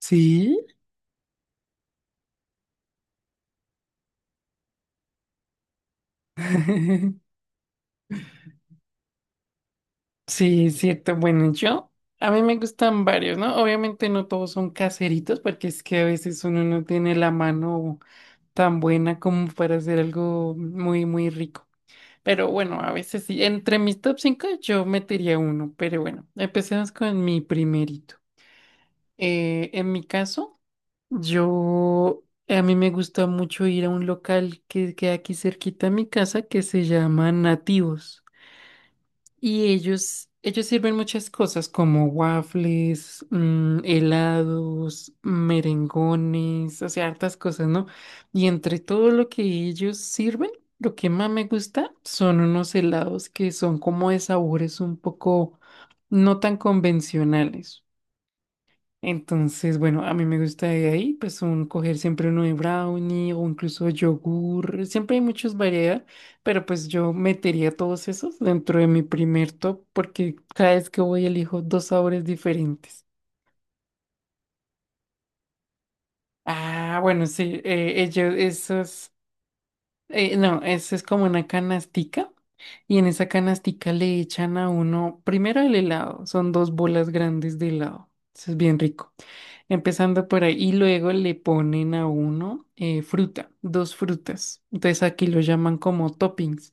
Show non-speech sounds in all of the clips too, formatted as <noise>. Sí, <laughs> sí, es cierto. Bueno, yo, a mí me gustan varios, ¿no? Obviamente no todos son caseritos, porque es que a veces uno no tiene la mano tan buena como para hacer algo muy, muy rico. Pero bueno, a veces sí. Entre mis top 5 yo metería uno, pero bueno, empecemos con mi primerito. En mi caso, yo, a mí me gusta mucho ir a un local que queda aquí cerquita a mi casa que se llama Nativos. Y ellos sirven muchas cosas como waffles, helados, merengones, o sea, hartas cosas, ¿no? Y entre todo lo que ellos sirven, lo que más me gusta son unos helados que son como de sabores un poco no tan convencionales. Entonces, bueno, a mí me gusta de ahí, pues un, coger siempre uno de brownie o incluso yogur. Siempre hay muchas variedades, pero pues yo metería todos esos dentro de mi primer top porque cada vez que voy elijo dos sabores diferentes. Ah, bueno, sí, ellos, esos, no, eso es como una canastica y en esa canastica le echan a uno, primero el helado, son dos bolas grandes de helado, eso es bien rico. Empezando por ahí, y luego le ponen a uno fruta, dos frutas. Entonces aquí lo llaman como toppings.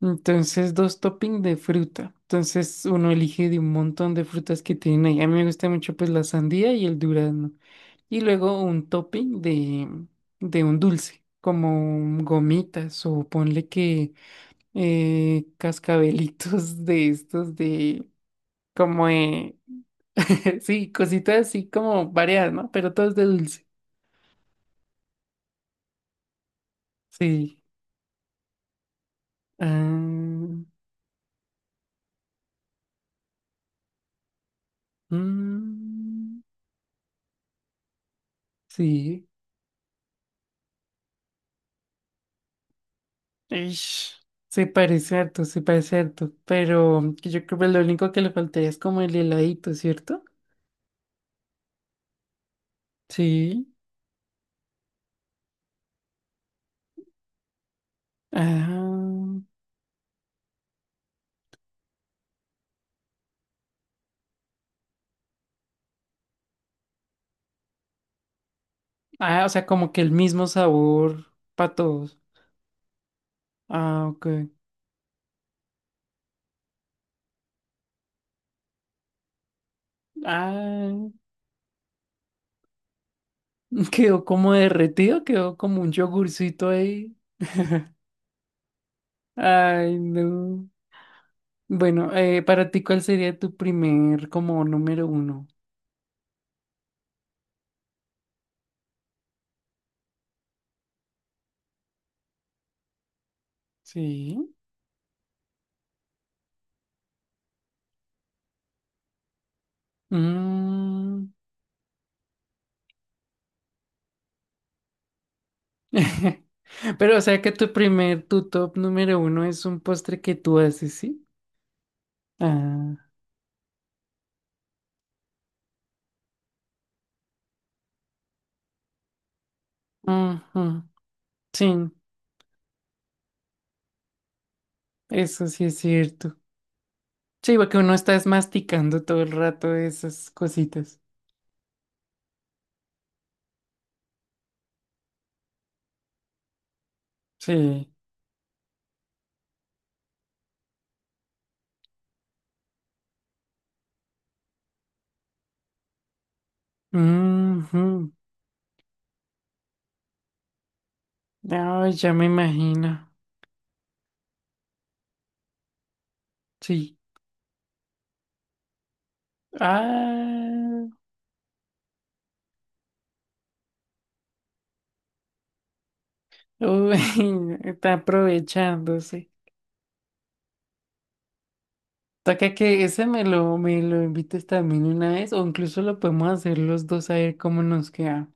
Entonces, dos toppings de fruta. Entonces uno elige de un montón de frutas que tienen ahí. A mí me gusta mucho pues la sandía y el durazno. Y luego un topping de un dulce, como gomitas o ponle que cascabelitos de estos de como... <laughs> sí, cositas así como variadas, ¿no? Pero todos de dulce. Sí. Ah, mm, sí. Ish. Se parece harto, se parece harto. Pero que yo creo que lo único que le faltaría es como el heladito, ¿cierto? Sí. Ah, ah, o sea, como que el mismo sabor para todos. Ah, ok. Ah, <laughs> quedó como derretido, quedó como un yogurcito ahí. Ay, no. Bueno, para ti, ¿cuál sería tu primer como número uno? Sí. Mm. <laughs> Pero o sea que tu primer, tu top número uno es un postre que tú haces, ¿sí? Ah, ujú, sí, eso sí es cierto. Sí, porque uno está es masticando todo el rato esas cositas. Sí. Ujú, ay, ya me imagino. Sí. Ah, uy, <laughs> está aprovechándose. Toca que ese me lo invites también una vez, o incluso lo podemos hacer los dos a ver cómo nos queda.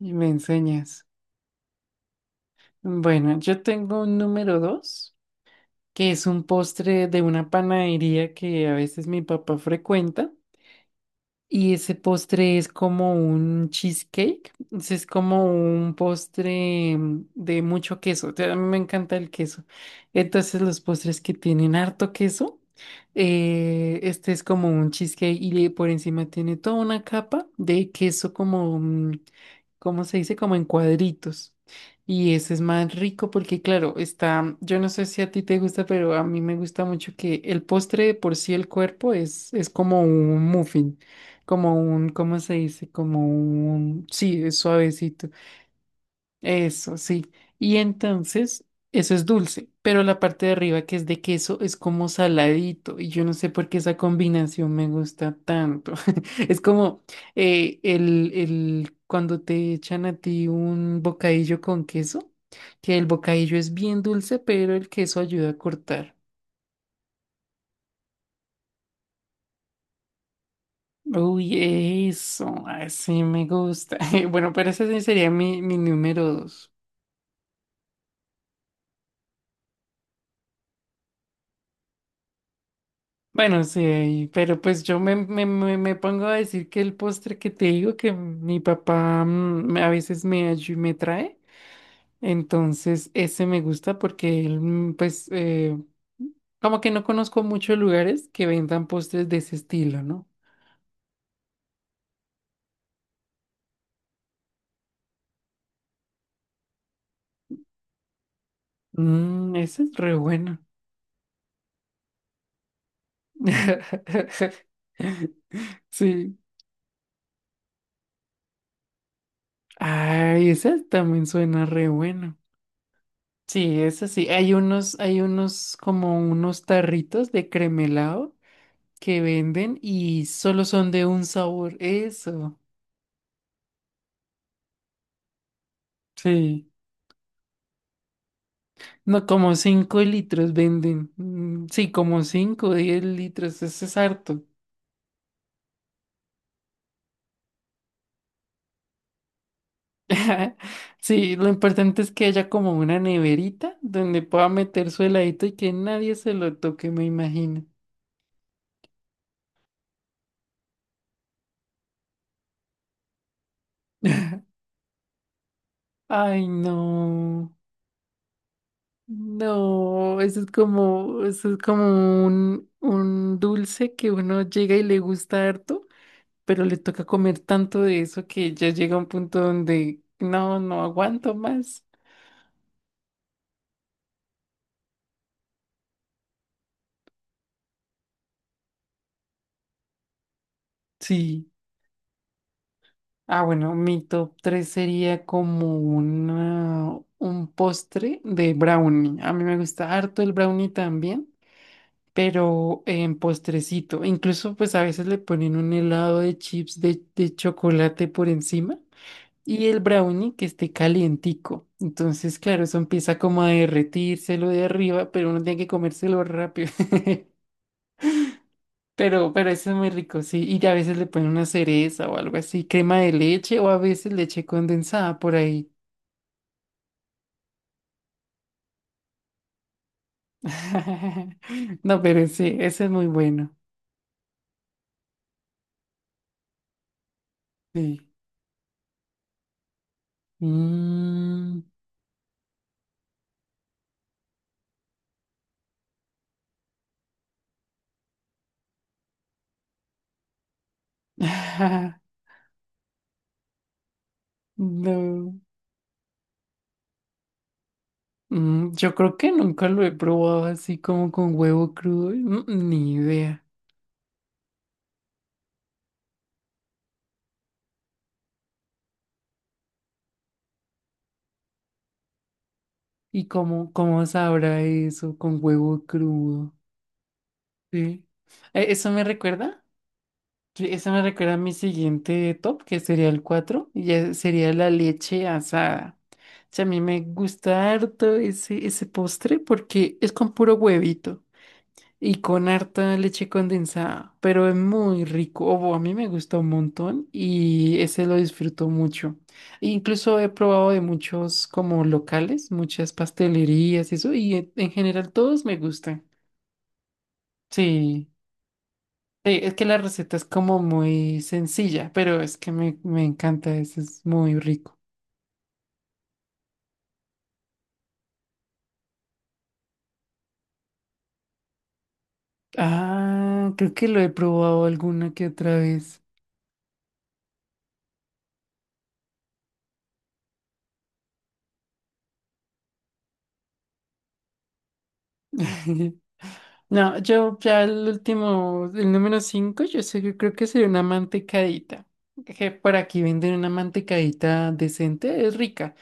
Y me enseñas. Bueno, yo tengo un número dos, que es un postre de una panadería que a veces mi papá frecuenta. Y ese postre es como un cheesecake, ese es como un postre de mucho queso, o sea, a mí me encanta el queso. Entonces los postres que tienen harto queso, este es como un cheesecake y le- por encima tiene toda una capa de queso como, mm, ¿cómo se dice? Como en cuadritos. Y ese es más rico porque, claro, está, yo no sé si a ti te gusta, pero a mí me gusta mucho que el postre de por sí, el cuerpo es como un muffin. Como un, ¿cómo se dice? Como un, sí, es suavecito. Eso, sí. Y entonces, eso es dulce, pero la parte de arriba que es de queso es como saladito. Y yo no sé por qué esa combinación me gusta tanto. <laughs> Es como cuando te echan a ti un bocadillo con queso, que el bocadillo es bien dulce, pero el queso ayuda a cortar. Uy, eso, así me gusta. <laughs> Bueno, pero ese sí sería mi, mi número dos. Bueno, sí, ahí, pero pues yo me pongo a decir que el postre que te digo que mi papá a veces me, ayu- me trae, entonces ese me gusta porque él, pues, como que no conozco muchos lugares que vendan postres de ese estilo, ¿no? Mm, ese es re bueno. <laughs> Sí. Ay, esa también suena re bueno. Sí, eso sí. Hay unos como unos tarritos de cremelado que venden y solo son de un sabor. Eso. Sí. No, como 5 litros venden. Mm, sí, como 5 o 10 litros. Eso es harto. <laughs> Sí, lo importante es que haya como una neverita donde pueda meter su heladito y que nadie se lo toque, me imagino. Ay, no. No, eso es como un dulce que uno llega y le gusta harto, pero le toca comer tanto de eso que ya llega un punto donde no, no aguanto más. Sí. Ah, bueno, mi top 3 sería como una, un postre de brownie. A mí me gusta harto el brownie también, pero en postrecito. Incluso pues a veces le ponen un helado de chips de chocolate por encima y el brownie que esté calientico. Entonces, claro, eso empieza como a derretírselo de arriba, pero uno tiene que comérselo rápido. <laughs> Pero eso es muy rico, sí. Y a veces le ponen una cereza o algo así, crema de leche o a veces leche condensada por ahí. <laughs> No, pero sí, eso es muy bueno. Sí. Mm. <laughs> No. Mm, yo creo que nunca lo he probado así como con huevo crudo. Mm, ni idea. ¿Y cómo, cómo sabrá eso con huevo crudo? Sí. ¿Eso me recuerda? Sí, eso me recuerda a mi siguiente top, que sería el cuatro y ya sería la leche asada. O sea, a mí me gusta harto ese, ese postre porque es con puro huevito y con harta leche condensada, pero es muy rico. O a mí me gusta un montón y ese lo disfruto mucho. E incluso he probado de muchos como locales, muchas pastelerías y eso, y en general todos me gustan. Sí. Sí, es que la receta es como muy sencilla, pero es que me encanta, eso es muy rico. Ah, creo que lo he probado alguna que otra vez. <laughs> No, yo ya el último, el número 5, yo sé, yo creo que sería una mantecadita. Que por aquí venden una mantecadita decente, es rica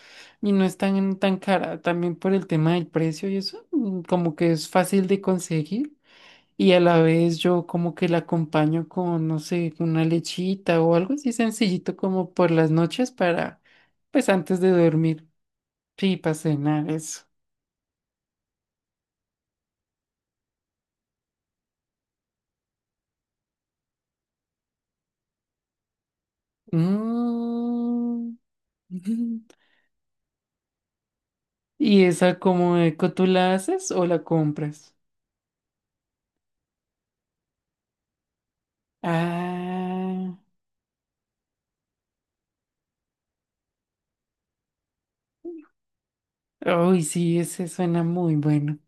y no es tan, tan cara. También por el tema del precio y eso, como que es fácil de conseguir. Y a la vez yo como que la acompaño con, no sé, con una lechita o algo así sencillito como por las noches para, pues antes de dormir. Sí, para cenar eso. Mm. <laughs> ¿Y esa como eco tú la haces o la compras? Ah, uy, sí, ese suena muy bueno.